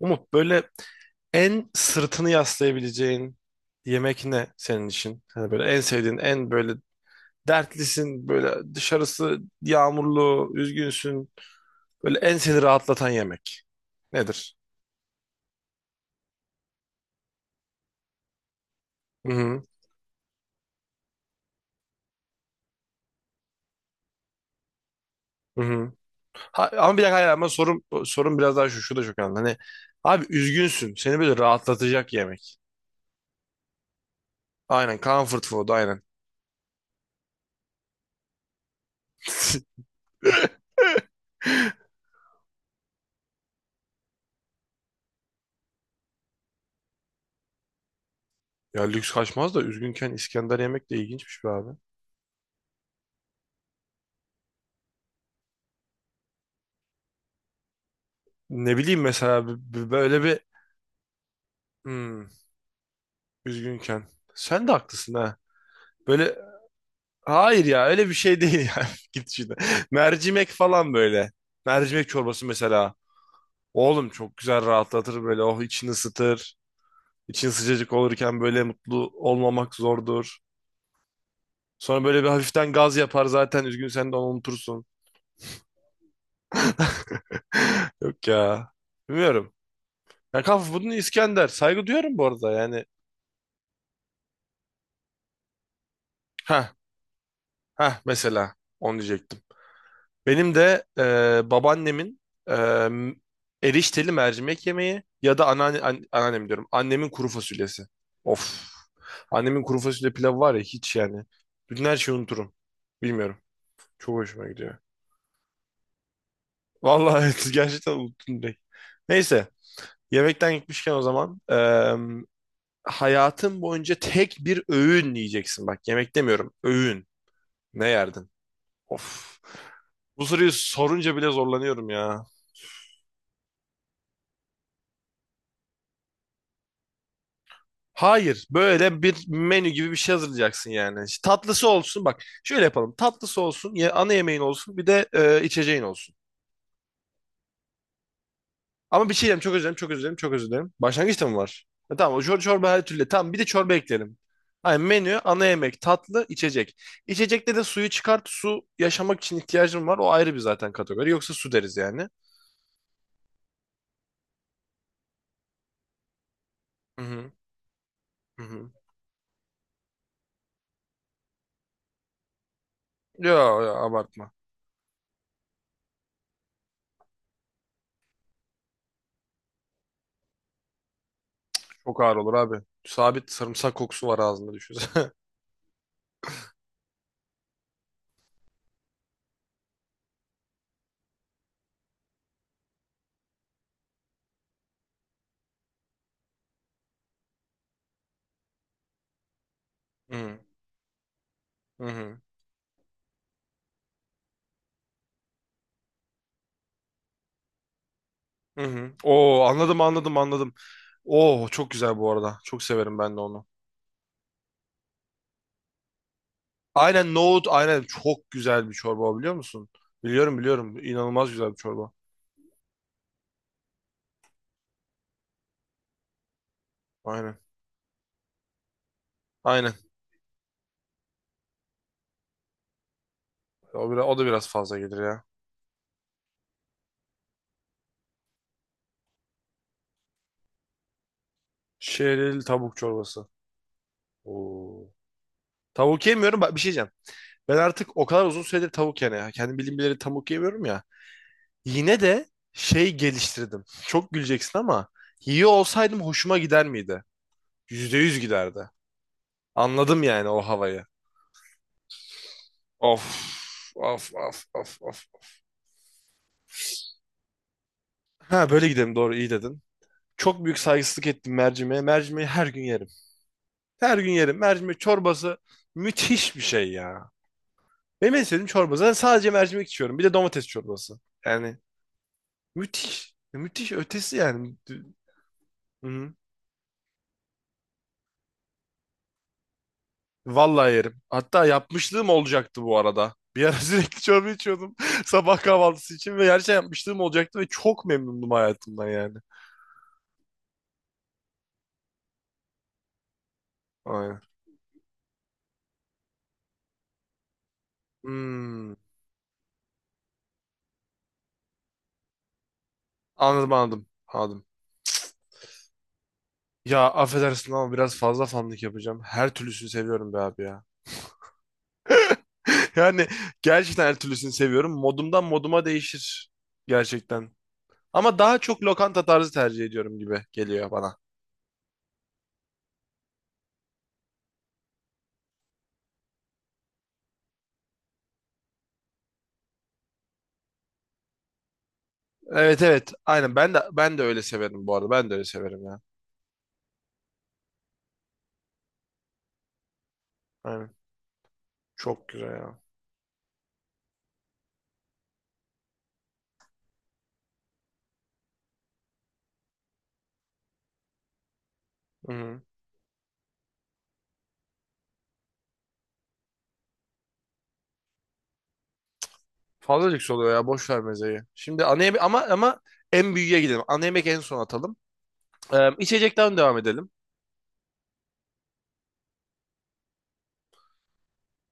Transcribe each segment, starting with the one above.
Umut böyle en sırtını yaslayabileceğin yemek ne senin için? Hani böyle en sevdiğin, en böyle dertlisin, böyle dışarısı yağmurlu, üzgünsün. Böyle en seni rahatlatan yemek nedir? Hı hı, hı hı. Ha, ama bir dakika hayır ama sorum biraz daha şu da çok önemli. Hani abi üzgünsün, seni böyle rahatlatacak yemek. Aynen, comfort food, aynen. Ya lüks kaçmaz da üzgünken İskender yemek de ilginçmiş be abi. Ne bileyim mesela böyle bir... Hmm. Üzgünken. Sen de haklısın ha. Böyle hayır ya öyle bir şey değil ya. Git şimdi. Mercimek falan böyle. Mercimek çorbası mesela. Oğlum çok güzel rahatlatır böyle. Oh, içini ısıtır. İçin sıcacık olurken böyle mutlu olmamak zordur. Sonra böyle bir hafiften gaz yapar zaten. Üzgün sen de onu unutursun. Yok ya. Bilmiyorum. Ya kaf bunu İskender. Saygı duyuyorum bu arada yani. Ha ha, mesela. Onu diyecektim. Benim de babaannemin e, erişteli mercimek yemeği ya da anneannem diyorum. Annemin kuru fasulyesi. Of. Annemin kuru fasulye pilavı var ya hiç yani. Bütün her şeyi unuturum. Bilmiyorum. Çok hoşuma gidiyor. Vallahi evet, gerçekten unuttum direkt. Neyse. Yemekten gitmişken o zaman hayatın boyunca tek bir öğün yiyeceksin. Bak yemek demiyorum. Öğün. Ne yerdin? Of. Bu soruyu sorunca bile zorlanıyorum ya. Hayır, böyle bir menü gibi bir şey hazırlayacaksın yani. İşte tatlısı olsun bak. Şöyle yapalım. Tatlısı olsun, ya ana yemeğin olsun, bir de içeceğin olsun. Ama bir şey diyeyim, çok özür dilerim, çok özür dilerim, çok özür dilerim. Başlangıçta mı var? Tamam, o çorba her türlü. Tamam, bir de çorba ekleyelim. Hayır, menü, ana yemek, tatlı, içecek. İçecekte de suyu çıkart. Su yaşamak için ihtiyacım var. O ayrı bir zaten kategori. Yoksa su deriz yani. Hı hı. Hı hı. Yo, yo, abartma. Çok ağır olur abi. Sabit sarımsak kokusu var ağzında düşünsene. Hı hı. Hı hı. Oo, anladım anladım anladım. Oo, çok güzel bu arada. Çok severim ben de onu. Aynen nohut, aynen çok güzel bir çorba biliyor musun? Biliyorum biliyorum. İnanılmaz güzel bir çorba. Aynen. Aynen. O da biraz fazla gelir ya. Şehriyeli tavuk çorbası. Oo. Tavuk yemiyorum. Bak bir şey diyeceğim. Ben artık o kadar uzun süredir tavuk yani ya. Kendi bildiğim bileli tavuk yemiyorum ya. Yine de şey geliştirdim. Çok güleceksin ama yiyor olsaydım hoşuma gider miydi? Yüzde yüz giderdi. Anladım yani o havayı. Of, of, of, of, of. Ha, böyle gidelim, doğru iyi dedin. Çok büyük saygısızlık ettim mercimeğe. Mercimeği her gün yerim. Her gün yerim. Mercimek çorbası müthiş bir şey ya. Benim en sevdiğim çorba. Zaten sadece mercimek içiyorum. Bir de domates çorbası. Yani müthiş. Müthiş ötesi yani. Hı. Vallahi yerim. Hatta yapmışlığım olacaktı bu arada. Bir ara sürekli çorba içiyordum sabah kahvaltısı için ve gerçekten yapmışlığım olacaktı ve çok memnundum hayatımdan yani. Aynen. Hmm. Anladım anladım. Anladım. Ya affedersin ama biraz fazla fanlık yapacağım. Her türlüsünü seviyorum be abi ya. Yani gerçekten her türlüsünü seviyorum. Modumdan moduma değişir. Gerçekten. Ama daha çok lokanta tarzı tercih ediyorum gibi geliyor bana. Evet evet. Aynen, ben de öyle severim bu arada. Ben de öyle severim ya. Aynen. Çok güzel ya. Hı-hı. Fazla lüks oluyor ya. Boş ver mezeyi. Şimdi ana yemek, ama en büyüğe gidelim. Ana yemek en son atalım. İçecekten devam edelim.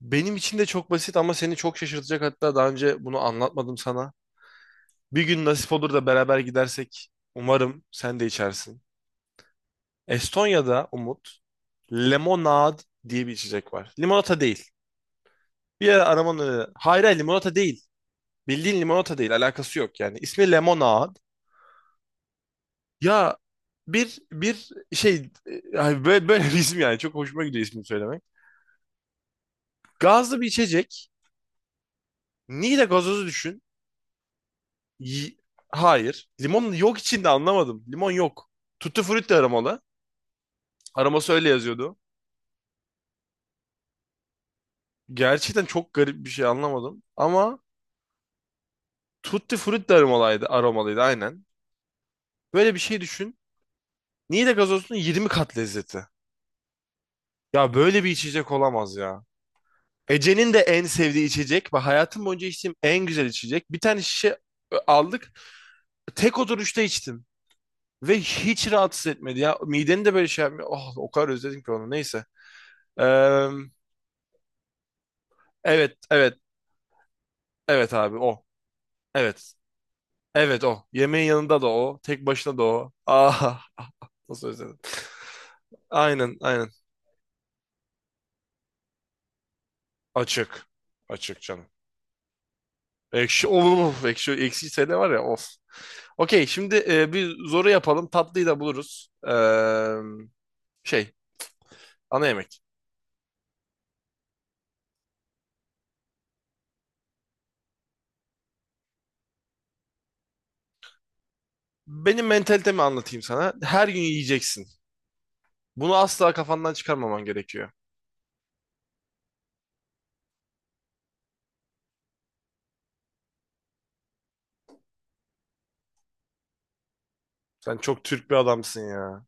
Benim için de çok basit ama seni çok şaşırtacak. Hatta daha önce bunu anlatmadım sana. Bir gün nasip olur da beraber gidersek umarım sen de içersin. Estonya'da Umut, limonad diye bir içecek var. Limonata değil. Bir ara aramanı... Hayır, hayır, limonata değil. Bildiğin limonata değil. Alakası yok yani. İsmi limonad. Ya bir şey, ay böyle, böyle bir isim yani. Çok hoşuma gidiyor ismini söylemek. Gazlı bir içecek. Niğde gazozu düşün. Y- Hayır. Limon yok içinde, anlamadım. Limon yok. Tutti frutti aromalı. Aroması öyle yazıyordu. Gerçekten çok garip bir şey, anlamadım. Ama Tutti Frutti de aromalıydı, aromalıydı aynen. Böyle bir şey düşün. Niğde gazozunun 20 kat lezzeti. Ya böyle bir içecek olamaz ya. Ece'nin de en sevdiği içecek ve hayatım boyunca içtiğim en güzel içecek. Bir tane şişe aldık. Tek oturuşta içtim. Ve hiç rahatsız etmedi ya. Mideni de böyle şey yapmıyor. Oh, o kadar özledim ki onu. Neyse. Ee, evet, evet, evet abi o. Evet. Evet o. Yemeğin yanında da o. Tek başına da o. Ah. Nasıl özledin? Aynen aynen. Açık. Açık canım. Ekşi, of, ekşi ekşi sene var ya, of. Okey, şimdi bir zoru yapalım. Tatlıyı da buluruz. Şey, ana yemek. Benim mentalitemi anlatayım sana. Her gün yiyeceksin. Bunu asla kafandan çıkarmaman gerekiyor. Sen çok Türk bir adamsın ya.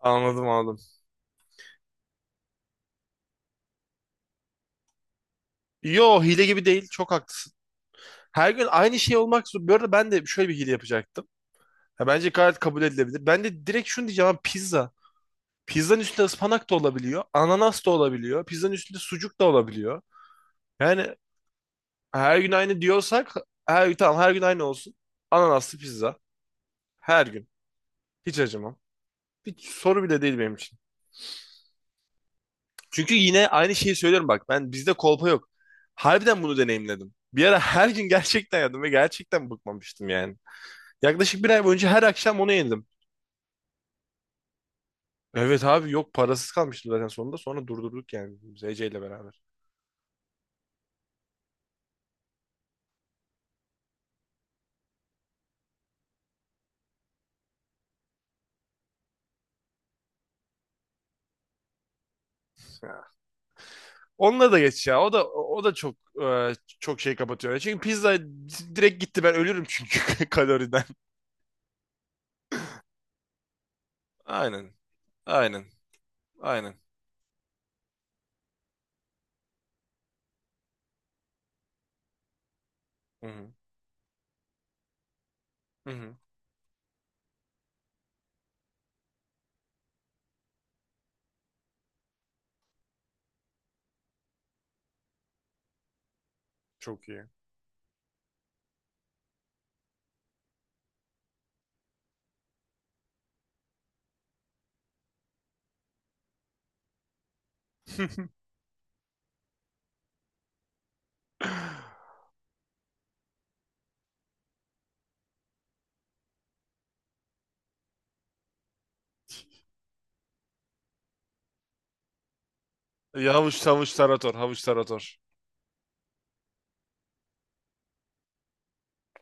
Anladım anladım. Yo, hile gibi değil. Çok haklısın. Her gün aynı şey olmak zor. Bu arada ben de şöyle bir hile yapacaktım. Ya bence gayet kabul edilebilir. Ben de direkt şunu diyeceğim abi, pizza. Pizzanın üstünde ıspanak da olabiliyor. Ananas da olabiliyor. Pizzanın üstünde sucuk da olabiliyor. Yani her gün aynı diyorsak her, tamam, her gün aynı olsun. Ananaslı pizza. Her gün. Hiç acımam. Bir soru bile değil benim için. Çünkü yine aynı şeyi söylüyorum bak. Ben, bizde kolpa yok. Harbiden bunu deneyimledim. Bir ara her gün gerçekten yedim ve gerçekten bıkmamıştım yani. Yaklaşık bir ay boyunca her akşam onu yedim. Evet abi, yok, parasız kalmıştım zaten sonunda. Sonra durdurduk yani biz Ece ile beraber. Onunla da geç ya. O da çok e, çok şey kapatıyor. Yani çünkü pizza direkt gitti, ben ölürüm çünkü kaloriden. Aynen. Aynen. Aynen. Hı hı. Hı hı. Çok iyi. Ya havuç havuç tarator, havuç tarator.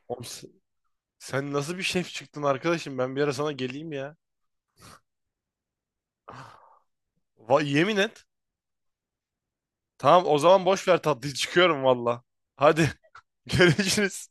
Oğlum, sen nasıl bir şef çıktın arkadaşım? Ben bir ara sana geleyim ya. Va yemin et. Tamam, o zaman boş ver tatlıyı, çıkıyorum valla. Hadi görüşürüz.